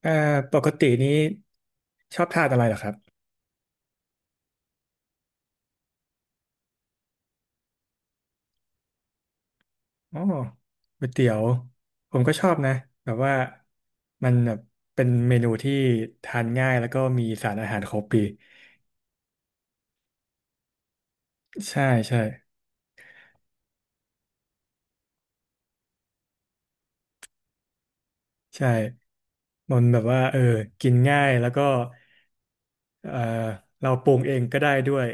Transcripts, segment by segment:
เอ่อปกตินี้ชอบทานอะไรเหรอครับอ๋อก๋วยเตี๋ยวผมก็ชอบนะแบบว่ามันแบบเป็นเมนูที่ทานง่ายแล้วก็มีสารอาหารครบปีใช่ใช่ใช่มันแบบว่ากินง่ายแล้วก็เออเราปรุงเองก็ได้ด้วย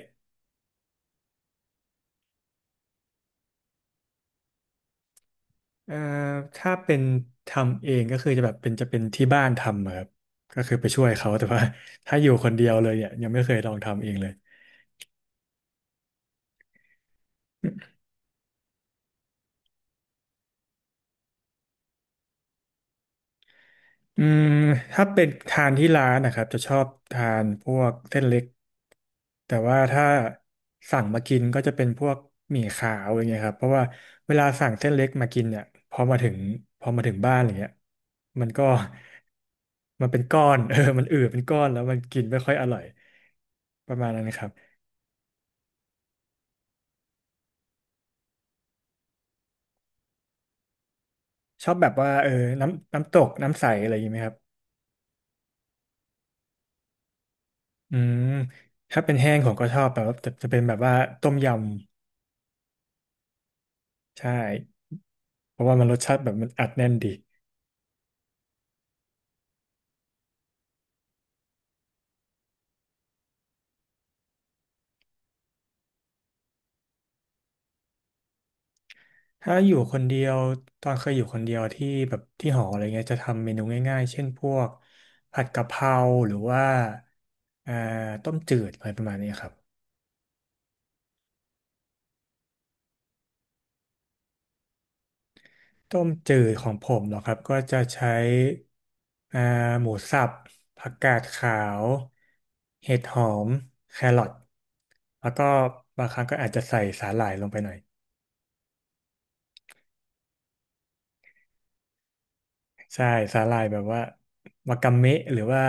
เอ่อถ้าเป็นทำเองก็คือจะแบบเป็นจะเป็นที่บ้านทำอะครับก็คือไปช่วยเขาแต่ว่าถ้าอยู่คนเดียวเลยเนี่ยยังไม่เคยลองทำเองเลย อืมถ้าเป็นทานที่ร้านนะครับจะชอบทานพวกเส้นเล็กแต่ว่าถ้าสั่งมากินก็จะเป็นพวกหมี่ขาวอย่างเงี้ยครับเพราะว่าเวลาสั่งเส้นเล็กมากินเนี่ยพอมาถึงพอมาถึงบ้านอย่างเงี้ยมันก็มันเป็นก้อน เออมันอืดเป็นก้อนแล้วมันกินไม่ค่อยอร่อยประมาณนั้นครับชอบแบบว่าเออน้ำน้ำตกน้ำใสอะไรอย่างงี้ไหมครับอืมถ้าเป็นแห้งผมก็ชอบแบบว่าจะเป็นแบบว่าต้มยำใช่ เพราะว่ามันรสชาติแบบมันอัดแน่นดีถ้าอยู่คนเดียวตอนเคยอยู่คนเดียวที่แบบที่หออะไรเงี้ยจะทำเมนูง่ายๆเช่นพวกผัดกะเพราหรือว่าอ่าต้มจืดอะไรประมาณนี้ครับต้มจืดของผมเหรอครับก็จะใช้อ่าหมูสับผักกาดขาวเห็ดหอมแครอทแล้วก็บางครั้งก็อาจจะใส่สาหร่ายลงไปหน่อยใช่สาหร่ายแบบว่าวากาเมะหรือว่า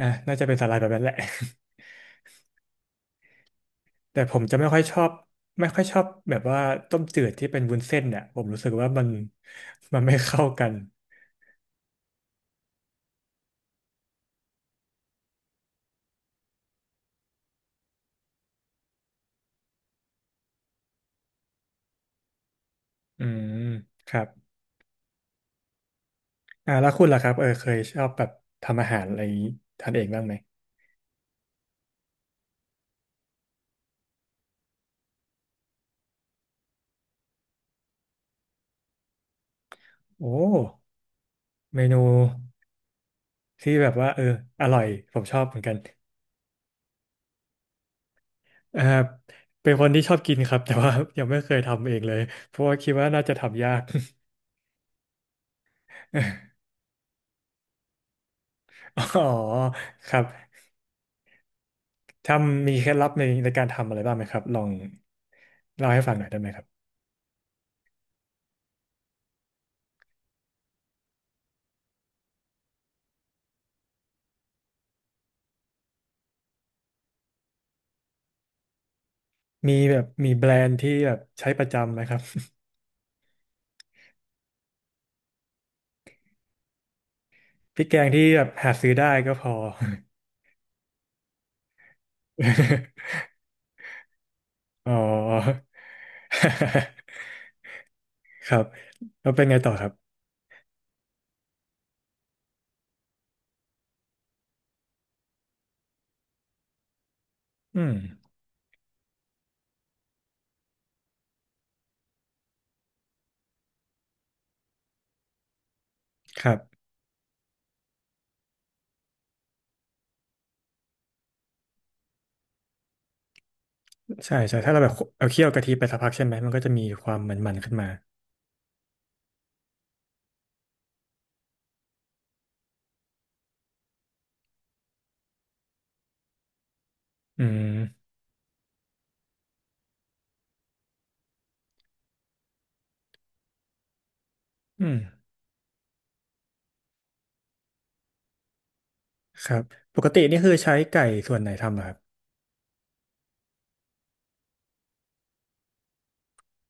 อ่ะน่าจะเป็นสาหร่ายแบบนั้นแหละ แต่ผมจะไม่ค่อยชอบแบบว่าต้มจืดที่เป็นวุ้นเส้นเนี่ยผมรู้สึกว่ามันไม่เข้ากันอืมครับอ่าแล้วคุณล่ะครับเออเคยชอบแบบทำอาหารอะไรอย่างนี้ทานเองบ้างไหมโอ้เมนูที่แบบว่าเอออร่อยผมชอบเหมือนกันเออเป็นคนที่ชอบกินครับแต่ว่ายังไม่เคยทำเองเลยเพราะว่าคิดว่าน่าจะทำยาก อ๋อครับทำมีเคล็ดลับในการทำอะไรบ้างไหมครับลองเล่าให้ฟังหน่อยได้ไหมครับ มีแบบมีแบรนด์ที่แบบใช้ประจำไหมครับ พริกแกงที่แบบหาซื้อได้ก็พอ อ๋อ ครับแล้วเป็นไงต่อครับอืมครับใช่ใช่ถ้าเราแบบเอาเคี่ยวกะทิไปสักพักใช่ไหมมันก็จะมีความมันๆขึ้นมาอืมอืมครับปกตินี่คือใช้ไก่ส่วนไหนทำอะครับ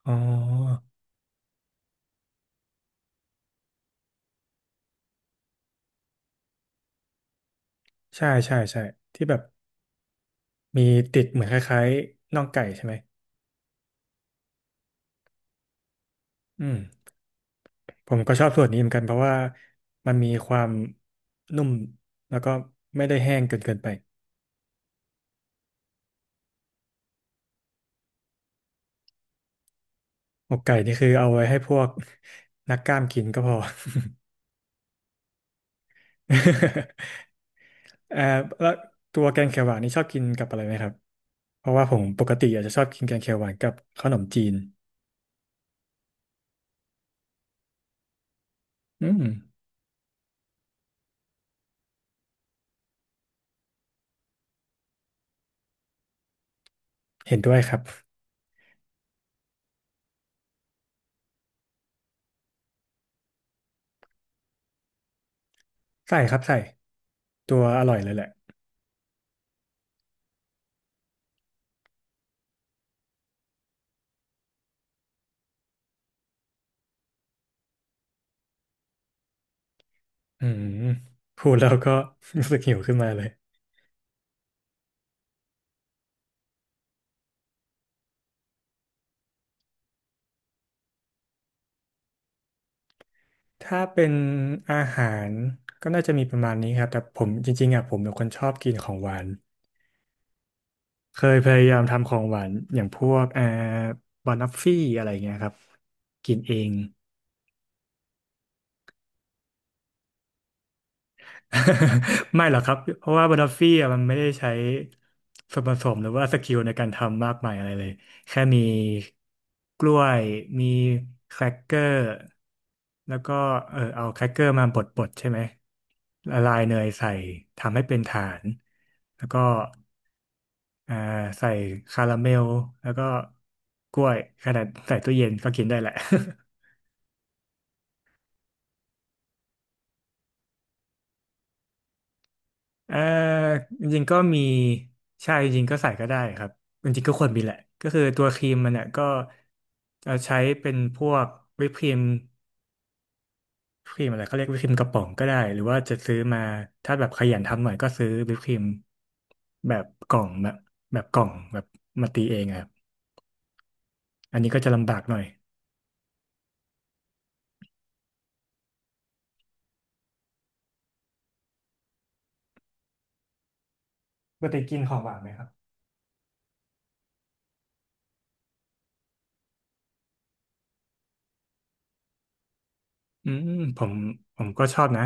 อ๋อใช่ใช่ใช่ที่แบบมีติดเหมือนคล้ายๆน่องไก่ใช่ไหมอืม ผมก็ชอบส่วนนี้เหมือนกันเพราะว่ามันมีความนุ่มแล้วก็ไม่ได้แห้งเกินไปอกไก่นี่คือเอาไว้ให้พวก นักกล้ามกินก็พอ เอ่อแล้วตัวแกงเขียวหวานนี่ชอบกินกับอะไรไหมครับเพราะว่าผมปกติอาจจะชอบกินแกงเขียวหวานกับขนมจีนอืมเห็นด้วยครับใส่ครับใส่ตัวอร่อยเลยแหละอืมพูดแล้วก็ รู้สึกหิวขึ้นมาเลย ถ้าเป็นอาหารก็น่าจะมีประมาณนี้ครับแต่ผมจริงๆอ่ะผมเป็นคนชอบกินของหวานเคยพยายามทำของหวานอย่างพวกบานฟฟี่อะไรเงี้ยครับกินเอง ไม่หรอกครับ เพราะว่าบัตเตอร์ฟี่อะมันไม่ได้ใช้ส่วนผสมหรือว่าสกิลในการทำมากมายอะไรเลย แค่มีกล้วย มีแครกเกอร์แล้วก็เออเอาแครกเกอร์มาบดๆใช่ไหมละลายเนยใส่ทำให้เป็นฐาน แล้วก็อ่าใส่คาราเมลแล้วก็กล้วยขนาดใส่ตู้เย็นก็กินได้แหละ เอ่อจริงๆก็มีใช่จริงๆก็ใส่ก็ได้ครับจริงๆก็ควรมีแหละก็คือตัวครีมมันเนี่ยก็จะใช้เป็นพวกวิปครีมครีมอะไรเขาเรียกวิปครีมกระป๋องก็ได้หรือว่าจะซื้อมาถ้าแบบขยันทำหน่อยก็ซื้อวิปครีมแบบกล่องแบบแบบกล่องแบบมาตีเองอะครับอันนี้ก็จะลำบากหน่อยปกติกินของหวานไหมครับอืมผมผมก็ชอบนะ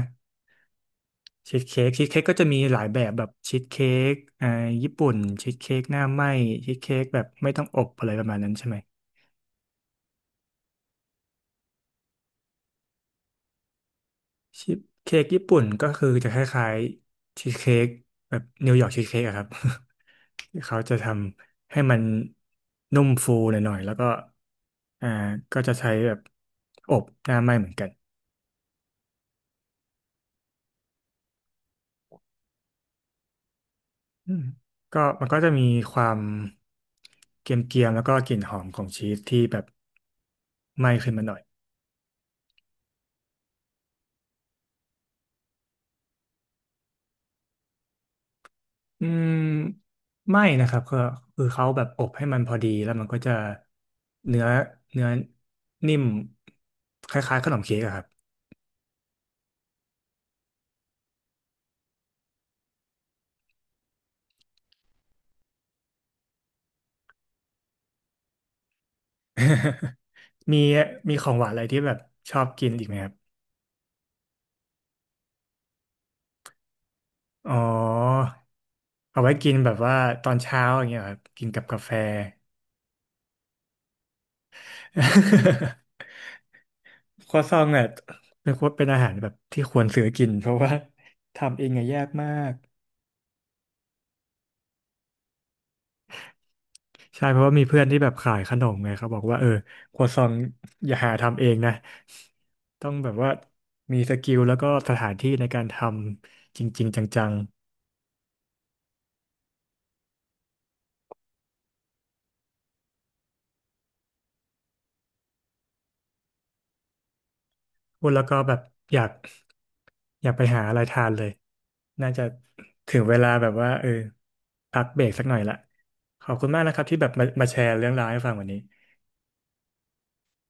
ชีสเค้กชีสเค้กก็จะมีหลายแบบแบบชีสเค้กอ่าญี่ปุ่นชีสเค้กหน้าไหม้ชีสเค้กแบบไม่ต้องอบอะไรประมาณนั้นใช่ไหมชีสเค้กญี่ปุ่นก็คือจะคล้ายๆชีสเค้กแบบนิวยอร์กชีสเค้กอะครับ ที่เขาจะทำให้มันนุ่มฟูหน่อยๆแล้วก็อ่าก็จะใช้แบบอบหน้าไหม้เหมือนกันอืมก็มันก็จะมีความเกรียมๆแล้วก็กลิ่นหอมของชีสที่แบบไหม้ขึ้นมาหน่อย อืมไม่นะครับก็คือเขาแบบอบให้มันพอดีแล้วมันก็จะเนื้อเนื้อนิ่มคล้ายๆขนมเค้กอะครับมีมีของหวานอะไรที่แบบชอบกินอีกไหมครับอ๋อเอาไว้กินแบบว่าตอนเช้าอย่างเงี้ยครับกินกับกาแฟ ครัวซองเนี่ยเป็นอาหารแบบที่ควรซื้อกินเพราะว่าทำเองอะยากมาก ใช่เพราะว่ามีเพื่อนที่แบบขายขนมไงเขาบอกว่าเออครัวซองอย่าหาทำเองนะต้องแบบว่ามีสกิลแล้วก็สถานที่ในการทำจริงๆจังๆพูดแล้วก็แบบอยากอยากไปหาอะไรทานเลยน่าจะถึงเวลาแบบว่าเออพักเบรกสักหน่อยละขอบคุณมากนะครับที่แบบมาแชร์เรื่องราวให้ฟังวันนี้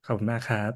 ขอบคุณมากครับ